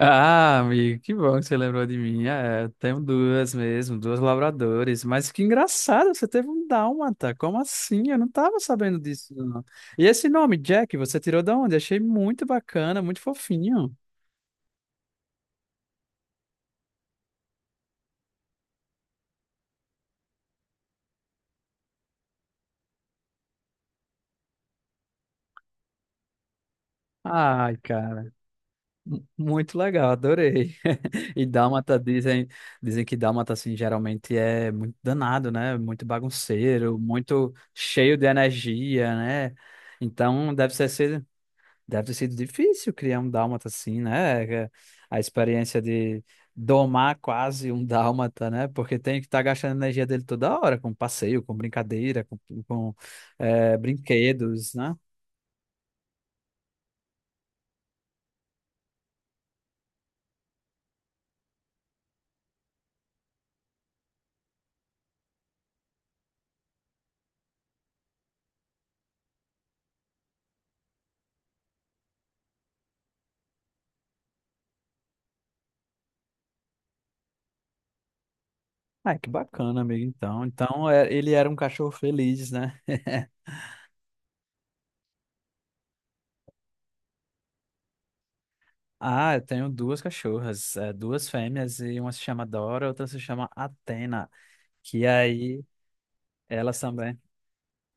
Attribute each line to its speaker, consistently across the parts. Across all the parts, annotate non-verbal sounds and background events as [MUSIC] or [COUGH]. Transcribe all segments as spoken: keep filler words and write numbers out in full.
Speaker 1: Ah, amigo, que bom que você lembrou de mim. É, eu tenho duas mesmo, duas labradores. Mas que engraçado, você teve um dálmata. Como assim? Eu não tava sabendo disso, não. E esse nome, Jack, você tirou da onde? Achei muito bacana, muito fofinho. Ai, cara, mu- muito legal, adorei. [LAUGHS] E dálmata dizem, dizem que dálmata assim geralmente é muito danado, né? Muito bagunceiro, muito cheio de energia, né? Então deve ser esse, deve ter sido difícil criar um dálmata assim, né? É, a experiência de domar quase um [LAUGHS] dálmata, né? Porque tem que estar gastando a energia dele toda hora, com passeio, com brincadeira, com, com, é, brinquedos, né? Ah, que bacana, amigo, então. Então, é, ele era um cachorro feliz, né? Ah, eu tenho duas cachorras, é, duas fêmeas, e uma se chama Dora, outra se chama Atena, que aí elas também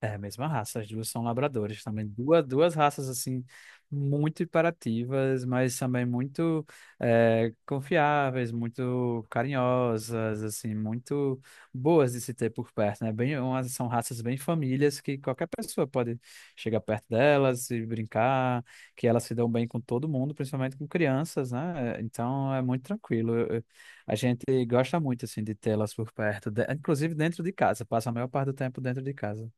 Speaker 1: é a mesma raça, as duas são labradores também. Duas, duas raças, assim, muito imperativas, mas também muito eh, confiáveis, muito carinhosas, assim, muito boas de se ter por perto, né? Bem, umas, são raças bem famílias que qualquer pessoa pode chegar perto delas e brincar, que elas se dão bem com todo mundo, principalmente com crianças, né? Então é muito tranquilo. Eu- eu- a gente gosta muito, assim, de tê-las por perto, de- inclusive dentro de casa, passa a maior parte do tempo dentro de casa.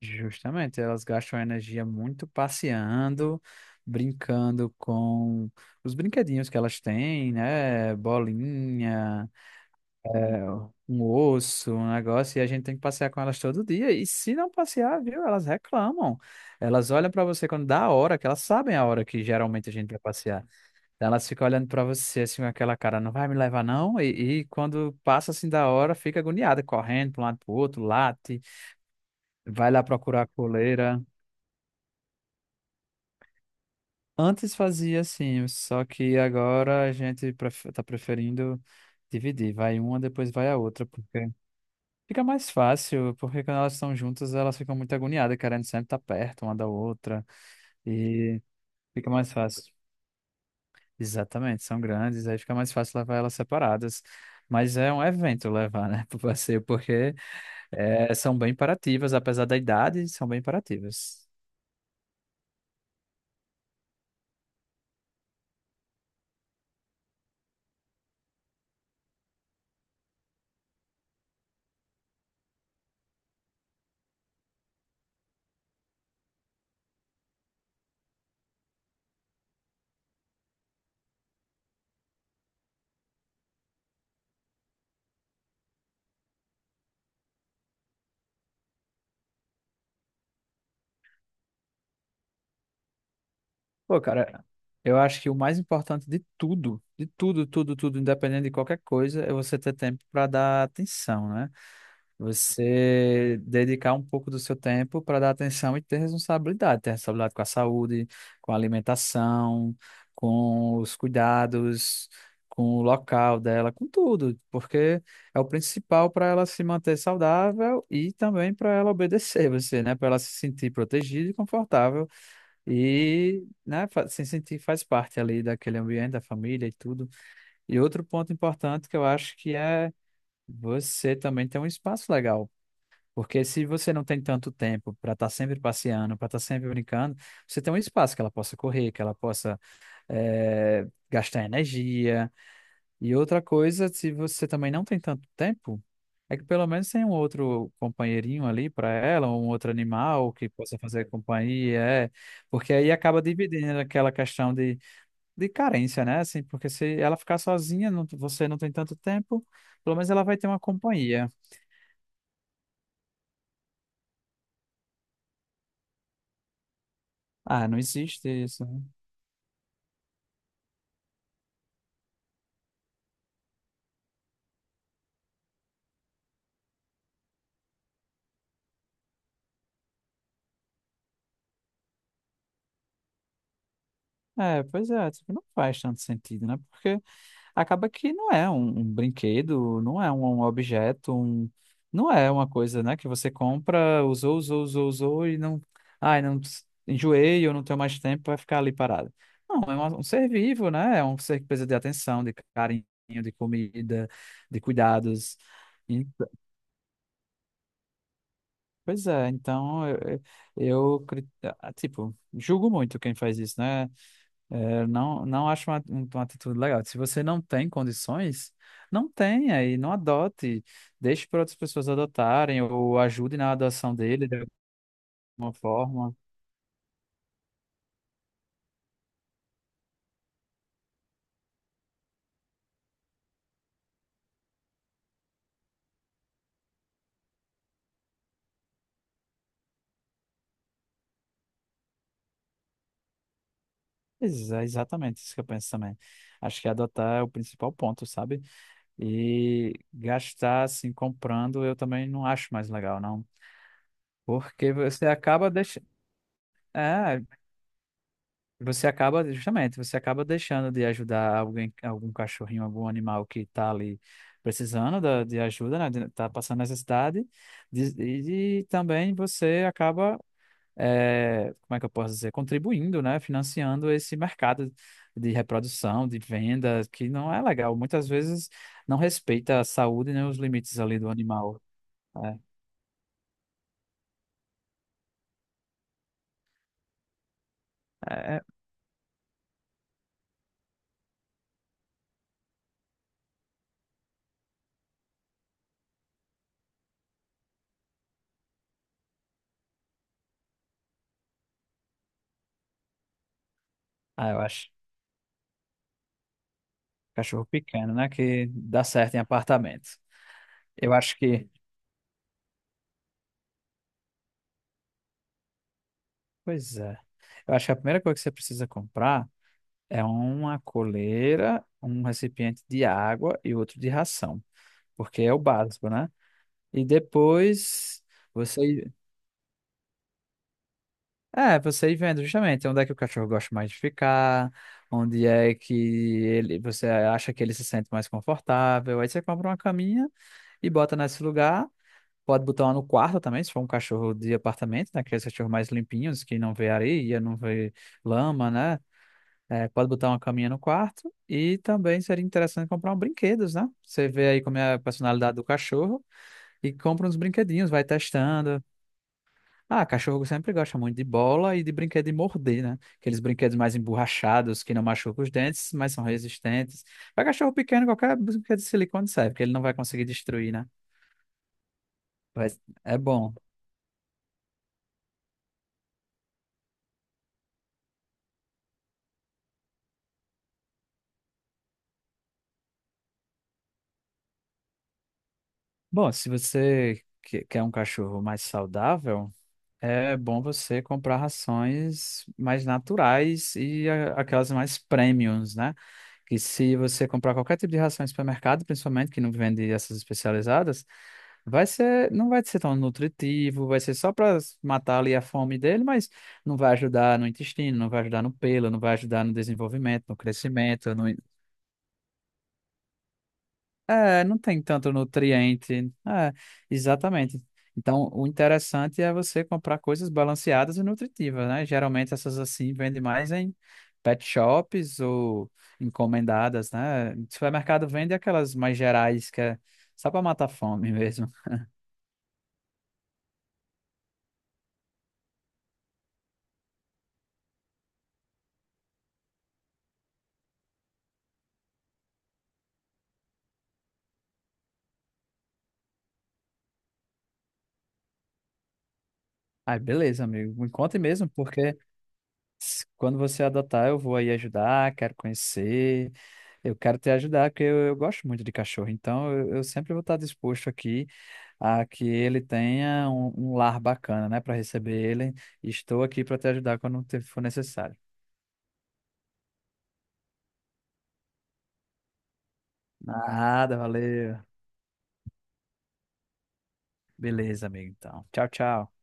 Speaker 1: Justamente, elas gastam energia muito passeando, brincando com os brinquedinhos que elas têm, né? Bolinha, é, um osso, um negócio, e a gente tem que passear com elas todo dia. E se não passear, viu? Elas reclamam. Elas olham pra você quando dá a hora, que elas sabem a hora que geralmente a gente vai passear. Então, elas ficam olhando pra você assim com aquela cara, não vai me levar não? E, e quando passa assim da hora, fica agoniada, correndo para um lado pro outro, late, vai lá procurar a coleira. Antes fazia assim, só que agora a gente pref- tá preferindo dividir. Vai uma, depois vai a outra, porque fica mais fácil, porque quando elas estão juntas, elas ficam muito agoniadas, querendo sempre estar perto uma da outra, e fica mais fácil. Exatamente, são grandes, aí fica mais fácil levar elas separadas. Mas é um evento levar, né, [LAUGHS] pro passeio, porque eh, são bem imperativas, apesar da idade, são bem imperativas. Pô, cara, eu acho que o mais importante de tudo, de tudo, tudo, tudo, independente de qualquer coisa, é você ter tempo para dar atenção, né? Você dedicar um pouco do seu tempo para dar atenção e ter responsabilidade, ter responsabilidade com a saúde, com a alimentação, com os cuidados, com o local dela, com tudo, porque é o principal para ela se manter saudável e também para ela obedecer você, né? Para ela se sentir protegida e confortável e, né, fa- se sentir faz parte ali daquele ambiente, da família e tudo. E outro ponto importante que eu acho que é você também ter um espaço legal. Porque se você não tem tanto tempo para estar sempre passeando, para estar sempre brincando, você tem um espaço que ela possa correr, que ela possa eh, gastar energia, e outra coisa, se você também não tem tanto tempo, é que pelo menos tem um outro companheirinho ali para ela, um outro animal que possa fazer companhia, é, porque aí acaba dividindo aquela questão de, de carência, né? Assim, porque se ela ficar sozinha, não- você não tem tanto tempo, pelo menos ela vai ter uma companhia. Ah, não existe isso, né? É, pois é, tipo, não faz tanto sentido, né? Acaba que não é um, um brinquedo, não é um, um objeto, um, não é uma coisa, né, que você compra, usou, usou, usou, usou e não, ai, não ps- enjoei, eu não tenho mais tempo, vai ficar ali parado. Não, é uma- um ser vivo, né? É um ser que precisa de atenção, de carinho, de comida, de cuidados. Ent- Pois é, então eu, eu cri- ah, tipo, julgo muito quem faz isso, né? Eu não, não acho uma, um- uma atitude legal. Se você não tem condições, não tenha e não adote. Deixe para outras pessoas adotarem ou ajude na adoção dele de alguma forma. Ex- É exatamente isso que eu penso também. Acho que adotar é o principal ponto, sabe? E gastar assim comprando eu também não acho mais legal, não. Porque você acaba deixando. Você acaba, justamente, você acaba deixando de ajudar alguém, algum cachorrinho, algum animal que está ali precisando da- de ajuda, né? de- Tá passando necessidade. De- e, e também você acaba, eh, como é que eu posso dizer, contribuindo, né? Financiando esse mercado de reprodução, de venda, que não é legal. Muitas vezes não respeita a saúde nem os limites ali do animal. É, é- ah, eu acho cachorro pequeno, né? Que dá certo em apartamento. Eu acho que. Pois é. Eu acho que a primeira coisa que você precisa comprar é uma coleira, um recipiente de água e outro de ração, porque é o básico, né? E depois você ir- é, você ir vendo justamente onde é que o cachorro gosta mais de ficar, onde é que ele você acha que ele se sente mais confortável. Aí você compra uma caminha e bota nesse lugar. Pode botar uma no quarto também, se for um cachorro de apartamento, né? Aqueles cachorros mais limpinhos, que não vê areia, não vê lama, né? É, pode botar uma caminha no quarto e também seria interessante comprar uns brinquedos, né? Você vê aí como é a personalidade do cachorro e compra uns brinquedinhos, vai testando. Ah, cachorro sempre gosta muito de bola e de brinquedo de morder, né? Aqueles brinquedos mais emborrachados que não machucam os dentes, mas são resistentes. Para cachorro pequeno, qualquer brinquedo de silicone serve, porque ele não vai conseguir destruir, né? Mas é bom. Bom, se você que- quer um cachorro mais saudável, é bom você comprar rações mais naturais e a- aquelas mais premiums, né? Que se você comprar qualquer tipo de ração em supermercado, principalmente que não vende essas especializadas, vai ser, não vai ser tão nutritivo, vai ser só para matar ali a fome dele, mas não vai ajudar no intestino, não vai ajudar no pelo, não vai ajudar no desenvolvimento, no crescimento, no, é, não tem tanto nutriente. É, exatamente. Então, o interessante é você comprar coisas balanceadas e nutritivas, né? Geralmente essas assim vendem mais em pet shops ou encomendadas, né? Supermercado vende aquelas mais gerais que é só para matar a fome [LAUGHS] mesmo. Ai, beleza, amigo. Me conte mesmo, porque quando você adotar, eu vou aí ajudar, quero conhecer, eu quero te ajudar, porque eu, eu gosto muito de cachorro, então eu, eu sempre vou estar disposto aqui a que ele tenha um, um lar bacana, né, para receber ele. Estou aqui para te ajudar quando te- for necessário. Nada, valeu. Beleza, amigo, então. Tchau, tchau.